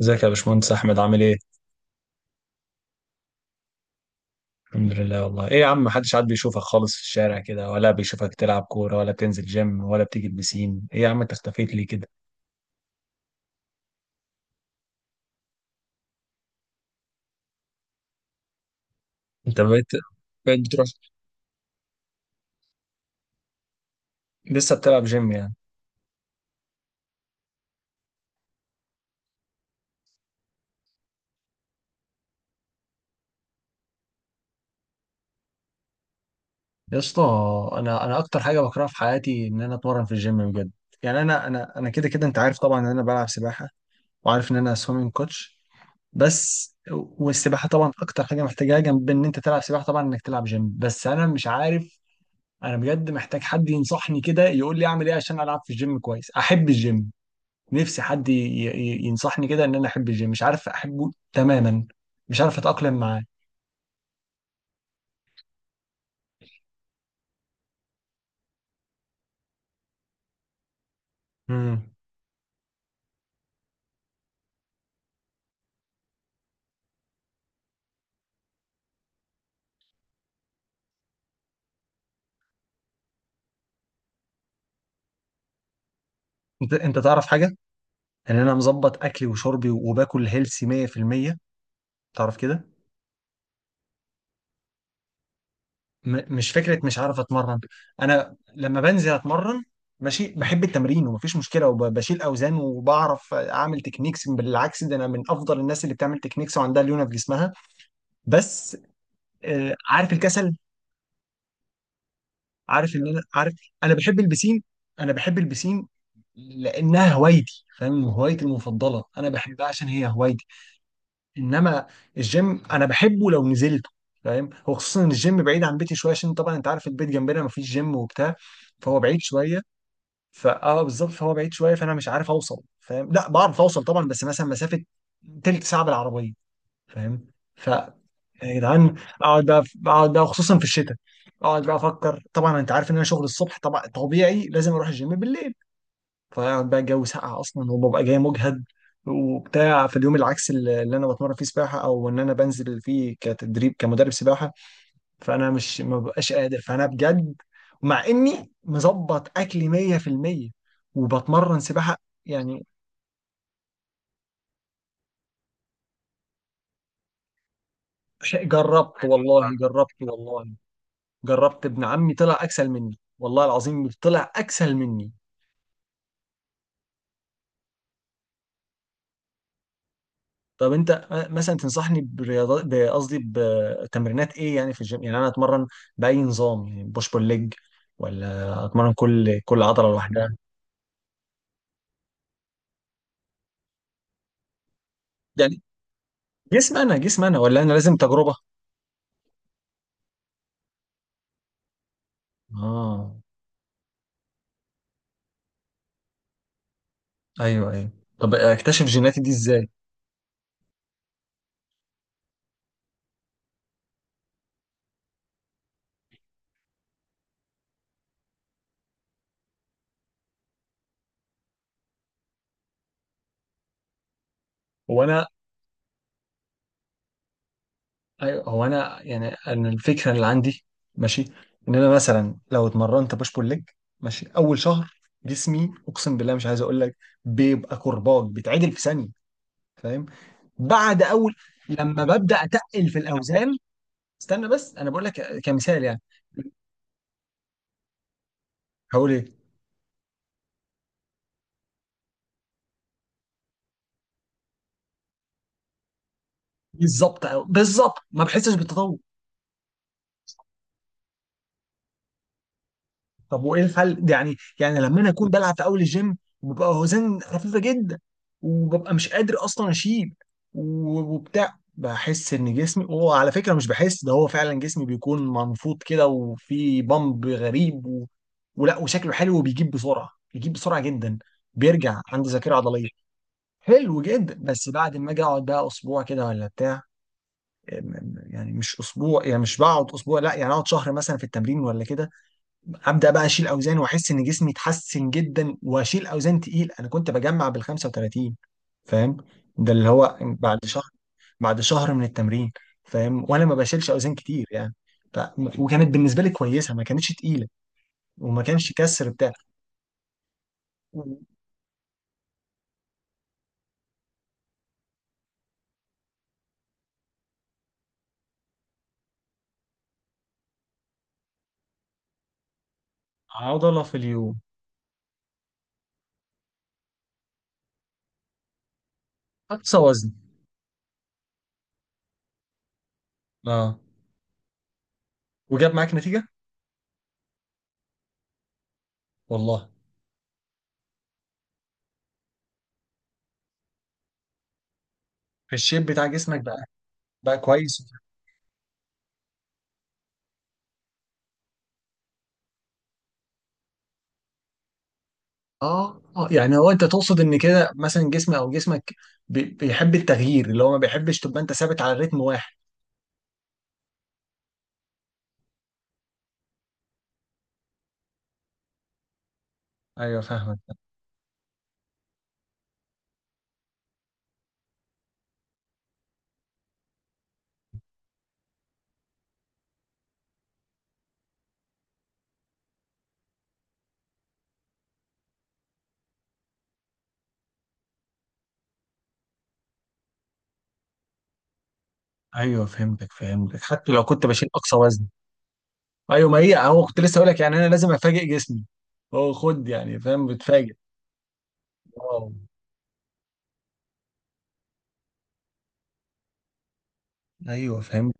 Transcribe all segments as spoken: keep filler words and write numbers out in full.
ازيك يا باشمهندس احمد، عامل ايه؟ الحمد لله والله. ايه يا عم، محدش عاد بيشوفك خالص في الشارع كده، ولا بيشوفك تلعب كوره، ولا بتنزل جيم، ولا بتيجي البسين. ايه يا عم انت اختفيت ليه كده؟ انت بقيت، بقيت بتروح لسه بتلعب جيم يعني؟ يا اسطى، انا انا اكتر حاجه بكرهها في حياتي ان انا اتمرن في الجيم بجد. يعني انا انا انا كده كده انت عارف طبعا ان انا بلعب سباحه، وعارف ان انا سويمنج كوتش بس. والسباحه طبعا اكتر حاجه محتاجاها جنب ان انت تلعب سباحه طبعا انك تلعب جيم، بس انا مش عارف. انا بجد محتاج حد ينصحني كده، يقول لي اعمل ايه عشان العب في الجيم كويس، احب الجيم. نفسي حد ي- ي- ينصحني كده ان انا احب الجيم، مش عارف احبه تماما، مش عارف اتاقلم معاه. امم انت انت تعرف حاجه، ان انا مظبط اكلي وشربي وباكل هيلسي مية في المية، تعرف كده. م مش فكره مش عارف اتمرن. انا لما بنزل اتمرن ماشي، بحب التمرين ومفيش مشكله، وبشيل اوزان وبعرف اعمل تكنيكس. بالعكس، ده انا من افضل الناس اللي بتعمل تكنيكس وعندها ليونه في جسمها. بس آه، عارف الكسل. عارف، ان انا عارف. انا بحب البسين، انا بحب البسين لانها هوايتي، فاهم؟ هوايتي المفضله، انا بحبها عشان هي هوايتي. انما الجيم انا بحبه لو نزلته، فاهم؟ هو خصوصا ان الجيم بعيد عن بيتي شويه، عشان طبعا انت عارف البيت جنبنا مفيش جيم وبتاع، فهو بعيد شويه. فاه بالظبط، فهو بعيد شويه، فانا مش عارف اوصل، فاهم؟ لا بعرف اوصل طبعا، بس مثلا مسافه تلت ساعه بالعربيه، فاهم؟ يا جدعان اقعد بقى، اقعد بقى خصوصا في الشتاء، اقعد بقى افكر. طبعا انت عارف ان انا شغل الصبح، طبعا طبيعي لازم اروح الجيم بالليل. فاقعد بقى، الجو ساقع اصلا، وببقى جاي مجهد وبتاع. في اليوم العكس اللي اللي انا بتمرن فيه سباحه، او ان انا بنزل فيه كتدريب كمدرب سباحه، فانا مش ما ببقاش قادر، فانا بجد مع اني مظبط اكلي مية في المية وبتمرن سباحه يعني. شيء. جربت والله، جربت والله، جربت ابن عمي طلع اكسل مني، والله العظيم طلع اكسل مني. طب انت مثلا تنصحني برياضات، ب- قصدي بتمرينات ايه يعني في الجيم؟ يعني انا اتمرن باي نظام، يعني بوش بول ليج، ولا اتمرن كل كل عضله لوحدها؟ يعني جسم انا، جسم انا، ولا انا لازم تجربه؟ اه، ايوه ايوه. طب اكتشف جيناتي دي ازاي؟ هو انا، ايوه هو انا، يعني انا الفكره اللي عندي ماشي، ان انا مثلا لو اتمرنت بوش بول ليج ماشي اول شهر، جسمي اقسم بالله مش عايز اقول لك، بيبقى كرباج، بيتعدل في ثانيه، فاهم؟ بعد اول، لما ببدا اتقل في الاوزان، استنى بس انا بقول لك كمثال يعني. هقول ايه؟ بالظبط. أو- بالظبط ما بحسش بالتطور. طب وايه الحل ده يعني؟ يعني لما انا اكون بلعب في اول الجيم، وببقى اوزان خفيفه جدا، وببقى مش قادر اصلا اشيل و- وبتاع، بحس ان جسمي هو، على فكره، مش بحس، ده هو فعلا جسمي بيكون منفوض كده، وفي بامب غريب، و... ولا، وشكله حلو، وبيجيب بسرعه، بيجيب بسرعه جدا، بيرجع عند ذاكره عضليه حلو جدا. بس بعد ما اجي اقعد بقى اسبوع كده ولا بتاع، يعني مش اسبوع، يعني مش بقعد اسبوع لا، يعني اقعد شهر مثلا في التمرين ولا كده، هبدا بقى اشيل اوزان، واحس ان جسمي اتحسن جدا، واشيل اوزان تقيل. انا كنت بجمع بال خمسة وثلاثين، فاهم؟ ده اللي هو بعد شهر، بعد شهر من التمرين، فاهم؟ وانا ما بشيلش اوزان كتير يعني. ف... وكانت بالنسبه لي كويسه، ما كانتش تقيله، وما كانش كسر بتاع عضله في اليوم، اقصى وزن. اه، وجاب معاك نتيجه؟ والله الشيب بتاع جسمك بقى بقى كويس. اه آه، يعني هو انت تقصد ان كده مثلا جسمي او جسمك بي- بيحب التغيير، اللي هو ما بيحبش تبقى انت ثابت على رتم واحد؟ ايوه فاهمك. ايوه فهمتك فهمتك، حتى لو كنت بشيل اقصى وزن. ايوه، ما هي اهو كنت لسه اقول لك، يعني انا لازم افاجئ جسمي. هو خد يعني، فاهم؟ بتفاجئ. واو. ايوه فهمت.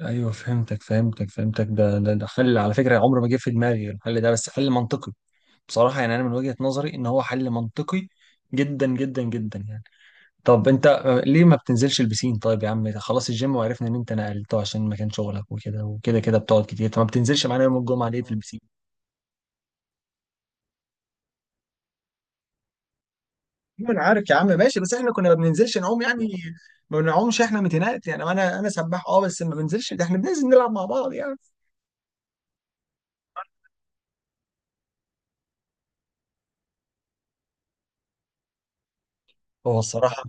ايوه فهمتك فهمتك فهمتك. ده ده ده حل، على فكره، عمره ما جه في دماغي الحل ده، بس حل منطقي بصراحه. يعني انا من وجهه نظري ان هو حل منطقي جدا جدا جدا يعني. طب انت آه، ليه ما بتنزلش البسين؟ طيب يا عم خلاص الجيم، وعرفنا ان انت نقلته عشان مكان شغلك، وكده وكده كده بتقعد كتير. طب ما بتنزلش معانا يوم الجمعة ليه في البسين؟ انا عارف يا عم ماشي، بس احنا كنا ما بننزلش نعوم يعني، ما بنعومش احنا متنقل يعني. انا انا سباح اه، بس ما بنزلش، ده احنا بننزل نلعب مع بعض يعني. هو الصراحة،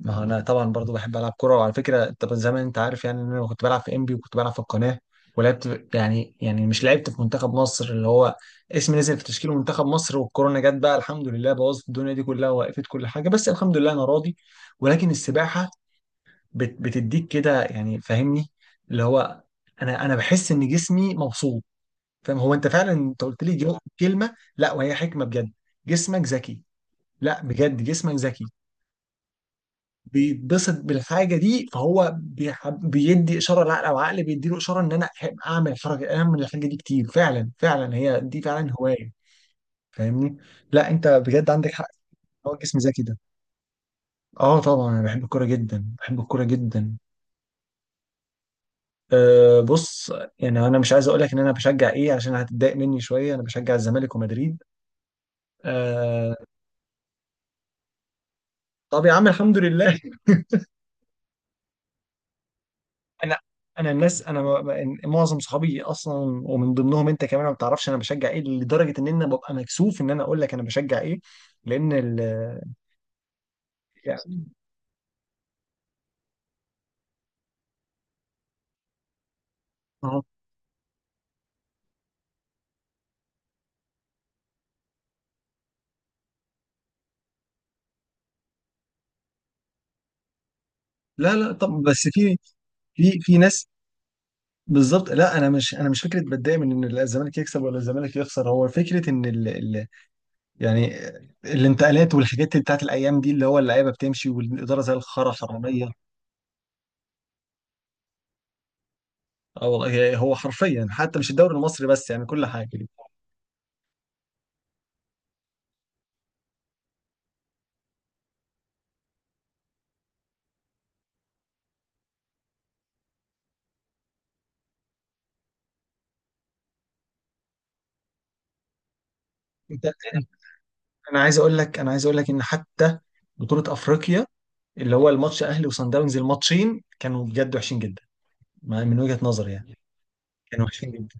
ما هو انا طبعا برضو بحب العب كوره. وعلى فكره انت زمان انت عارف يعني ان انا كنت بلعب في انبي، وكنت بلعب في القناه، ولعبت يعني، يعني مش لعبت في منتخب مصر، اللي هو اسمي نزل في تشكيل منتخب مصر، والكورونا جت بقى الحمد لله، بوظت الدنيا دي كلها، ووقفت كل حاجه، بس الحمد لله انا راضي. ولكن السباحه بت بتديك كده يعني، فاهمني؟ اللي هو انا انا بحس ان جسمي مبسوط، فاهم؟ هو انت فعلا انت قلت لي جو- كلمه، لا وهي حكمه بجد. جسمك ذكي. لا بجد جسمك ذكي، بيتبسط بالحاجه دي، فهو بيحب، بيدي اشاره لعقل، او عقل بيديله اشاره ان انا أحب اعمل الحركه، اعمل الحاجه دي كتير، فعلا فعلا هي دي فعلا هوايه، فاهمني؟ لا انت بجد عندك حق. هو الجسم ذكي ده. اه طبعا، انا بحب الكوره جدا، بحب الكوره جدا. أه بص، يعني انا مش عايز اقول لك ان انا بشجع ايه، عشان هتتضايق مني شويه. انا بشجع الزمالك ومدريد. أه، طب يا عم الحمد لله. انا انا الناس انا، ما- ما- معظم صحابي اصلا، ومن ضمنهم انت كمان، ما بتعرفش انا بشجع ايه، لدرجه ان انا ببقى مكسوف ان انا اقول لك انا بشجع ايه، لان ال... يعني أهو. لا لا طب بس في، في، في ناس، بالظبط. لا انا مش، انا مش فكره بتضايق من ان الزمالك يكسب ولا الزمالك يخسر. هو فكره ان ال... ال... يعني الانتقالات والحاجات اللي بتاعت الايام دي، اللي هو اللعيبه بتمشي، والاداره زي الخرا حراميه. اه والله هي- هو حرفيا، حتى مش الدوري المصري بس، يعني كل حاجه. انت، انا عايز اقول لك، انا عايز اقول لك ان حتى بطولة افريقيا، اللي هو الماتش اهلي وصن داونز، الماتشين كانوا بجد وحشين جدا، ما- من وجهة نظري يعني. كانوا وحشين جدا،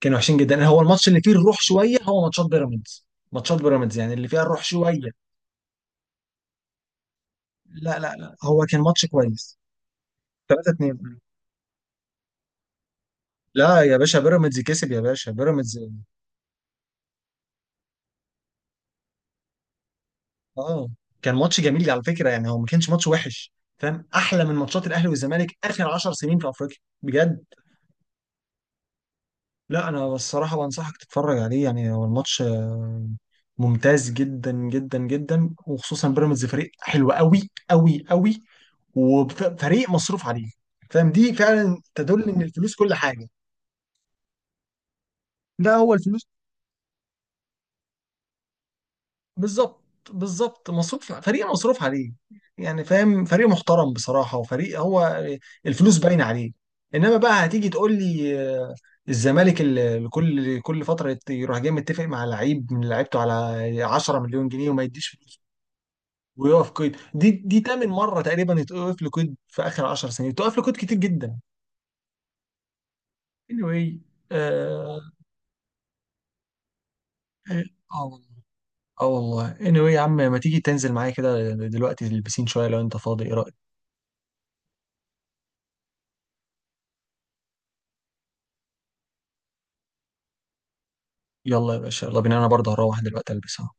كانوا وحشين جدا. هو الماتش اللي فيه الروح شوية هو ماتشات بيراميدز. ماتشات بيراميدز يعني اللي فيها الروح شوية. لا لا لا هو كان ماتش كويس. تلاتة اتنين. لا يا باشا بيراميدز كسب يا باشا بيراميدز. اه كان ماتش جميل على فكرة، يعني هو ما كانش ماتش وحش، فاهم؟ احلى من ماتشات الاهلي والزمالك اخر 10 سنين في افريقيا، بجد. لا انا الصراحه بنصحك تتفرج عليه، يعني هو الماتش آه، ممتاز جدا جدا جدا، وخصوصا بيراميدز فريق حلو قوي قوي قوي، وفريق مصروف عليه، فاهم؟ دي فعلا تدل ان الفلوس كل حاجه. ده هو الفلوس. بالظبط. بالظبط مصروف، فريق مصروف عليه يعني، فاهم؟ فريق محترم بصراحة، وفريق هو الفلوس باينة عليه. انما بقى هتيجي تقول لي آه، الزمالك اللي كل كل فترة يت- يروح جاي متفق مع لعيب من لعيبته على 10 مليون جنيه، وما يديش فلوس، ويقف قيد. دي دي تامن مرة تقريبا يتوقف له قيد، في آخر 10 سنين توقف له قيد كتير جدا. anyway. اه. اه والله. اه والله anyway، يا عم ما تيجي تنزل معايا كده دلوقتي تلبسين شوية، لو انت فاضي، ايه رأيك؟ يلا يا باشا، يلا بينا، انا برضه هروح دلوقتي البسها.